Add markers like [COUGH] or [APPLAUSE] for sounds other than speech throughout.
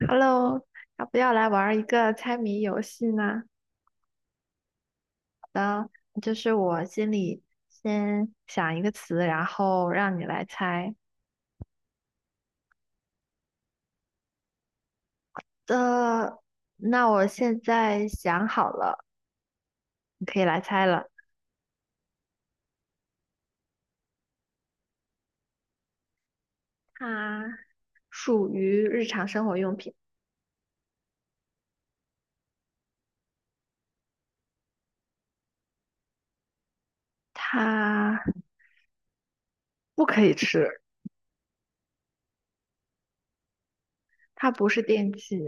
Hello，要不要来玩儿一个猜谜游戏呢？好的，就是我心里先想一个词，然后让你来猜。呃，那我现在想好了，你可以来猜了。它属于日常生活用品，它不可以吃，它不是电器，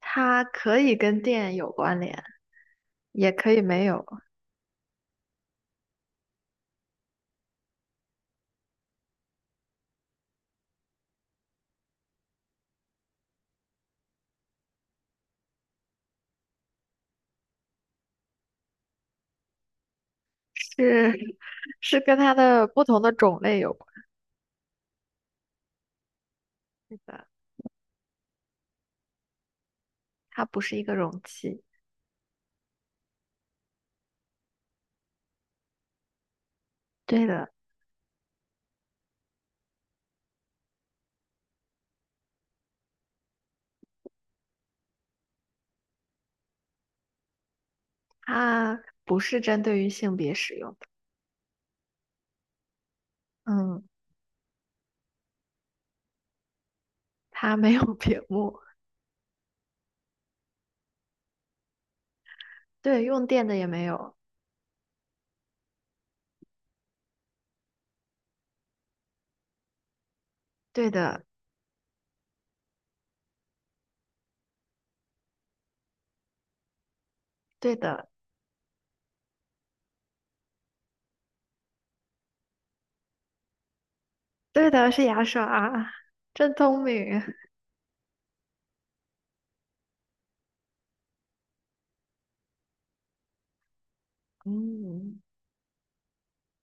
它可以跟电有关联，也可以没有，是 [LAUGHS] 是跟它的不同的种类有关系的。它不是一个容器。对的，它不是针对于性别使用的，嗯，它没有屏幕，对，用电的也没有，对的，对的，对的，是牙刷啊，真聪明，[LAUGHS] 嗯，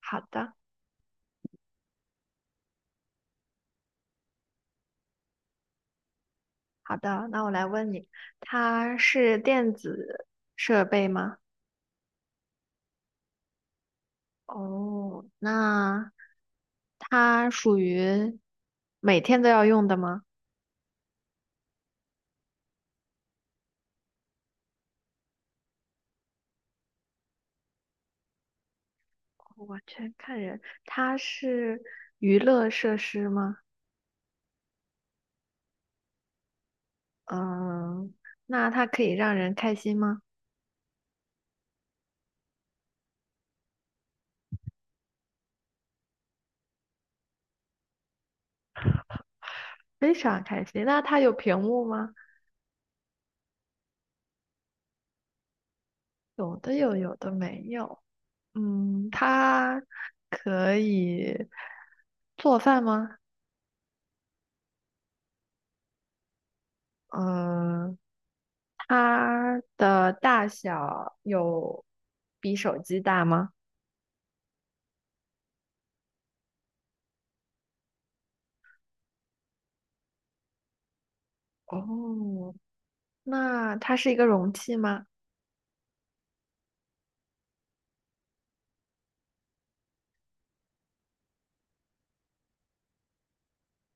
好的，好的，那我来问你，它是电子设备吗？哦，那它属于每天都要用的吗？我全看人，它是娱乐设施吗？嗯，那它可以让人开心吗？非常开心。那它有屏幕吗？有的有，有的没有。嗯，它可以做饭吗？嗯，它的大小有比手机大吗？哦，那它是一个容器吗？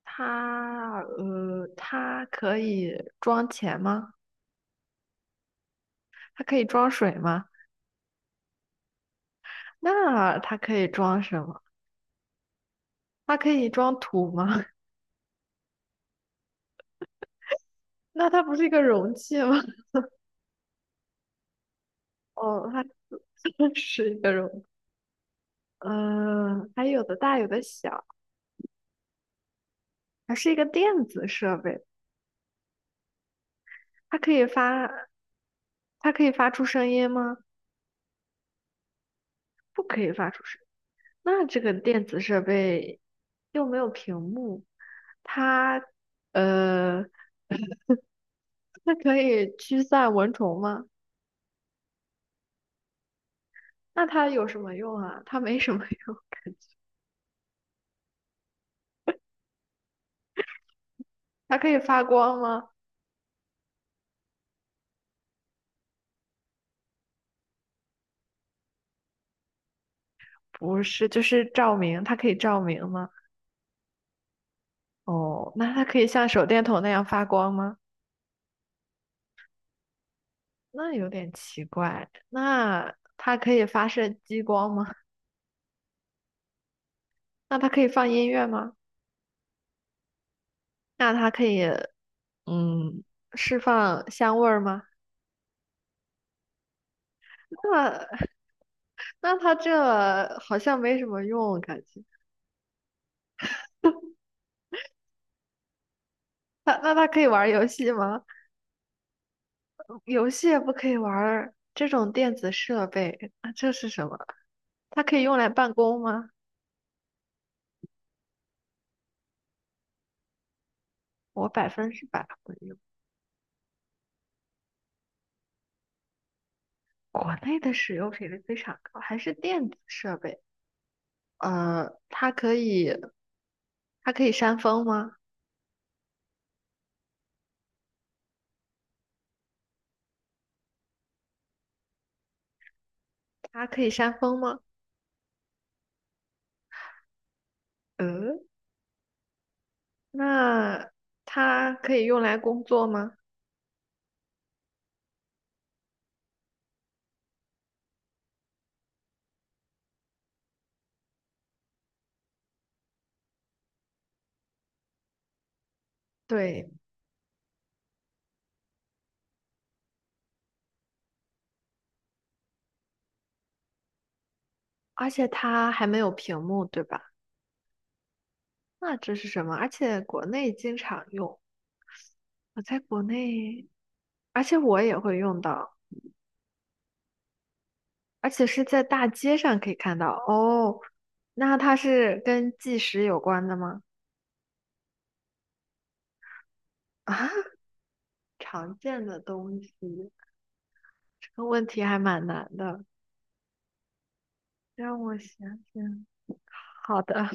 它可以装钱吗？它可以装水吗？那它可以装什么？它可以装土吗？[LAUGHS] 那它不是一个容器吗？[LAUGHS] 哦，它是 [LAUGHS] 是一个容器，嗯、还有的大，有的小，还是一个电子设备。它可以发，它可以发出声音吗？不可以发出声音那这个电子设备又没有屏幕，它呃，它可以驱散蚊虫吗？那它有什么用啊？它没什么用，感觉。它可以发光吗？不是，就是照明。它可以照明吗？哦，那它可以像手电筒那样发光吗？那有点奇怪。那它可以发射激光吗？[LAUGHS] 那它可以放音乐吗？那它可以嗯释放香味儿吗？那 [LAUGHS] 那它这好像没什么用，感觉。那它可以玩儿游戏吗？游戏也不可以玩儿这种电子设备，那这是什么？它可以用来办公吗？我百分之百会用。国内的使用频率非常高，还是电子设备。呃，它可以，它可以扇风吗？它可以扇风吗？嗯，那它可以用来工作吗？对，而且它还没有屏幕，对吧？那这是什么？而且国内经常用，我在国内，而且我也会用到，而且是在大街上可以看到。哦，那它是跟计时有关的吗？[LAUGHS] 啊，常见的东西，这个问题还蛮难的，让我想想。好的，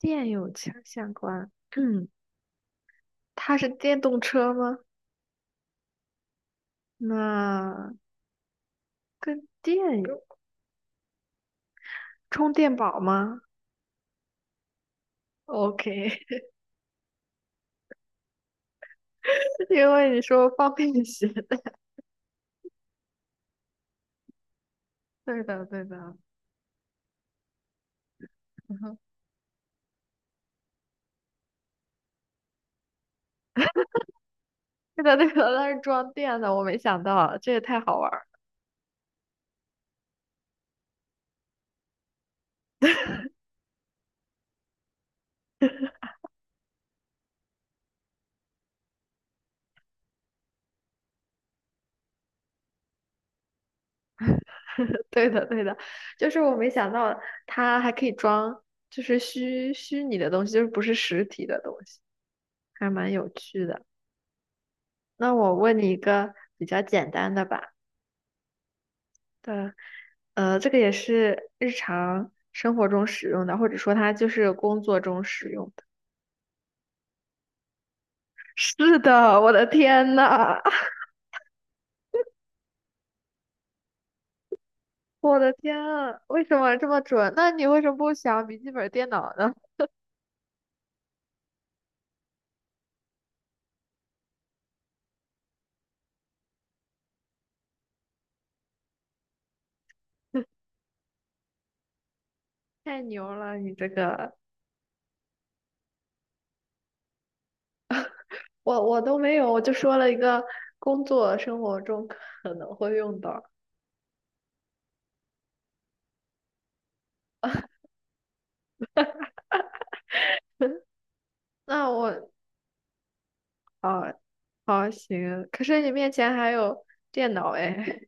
电有强相关。嗯，它是电动车吗？那跟电有充电宝吗？OK，[LAUGHS] 因为你说方便携带。[LAUGHS] 对的，对的，[LAUGHS] 嗯哼对的，对的，它是装电的，我没想到，这也太好玩儿。[LAUGHS] 对的，对的，就是我没想到它还可以装，就是虚拟的东西，就是不是实体的东西，还蛮有趣的。那我问你一个比较简单的吧。对，这个也是日常生活中使用的，或者说它就是工作中使用的。是的，我的天呐，[LAUGHS] 我的天啊，为什么这么准？那你为什么不想笔记本电脑呢？[LAUGHS] 太牛了，你这个，我都没有，我就说了一个工作生活中可能会用到。那我啊，好行，可是你面前还有电脑哎，[LAUGHS]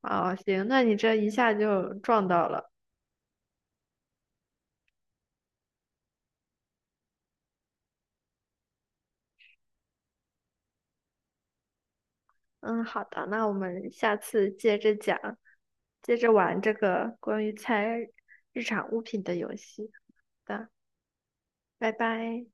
啊行，那你这一下就撞到了。嗯，好的，那我们下次接着讲，接着玩这个关于猜日常物品的游戏。好的，拜拜。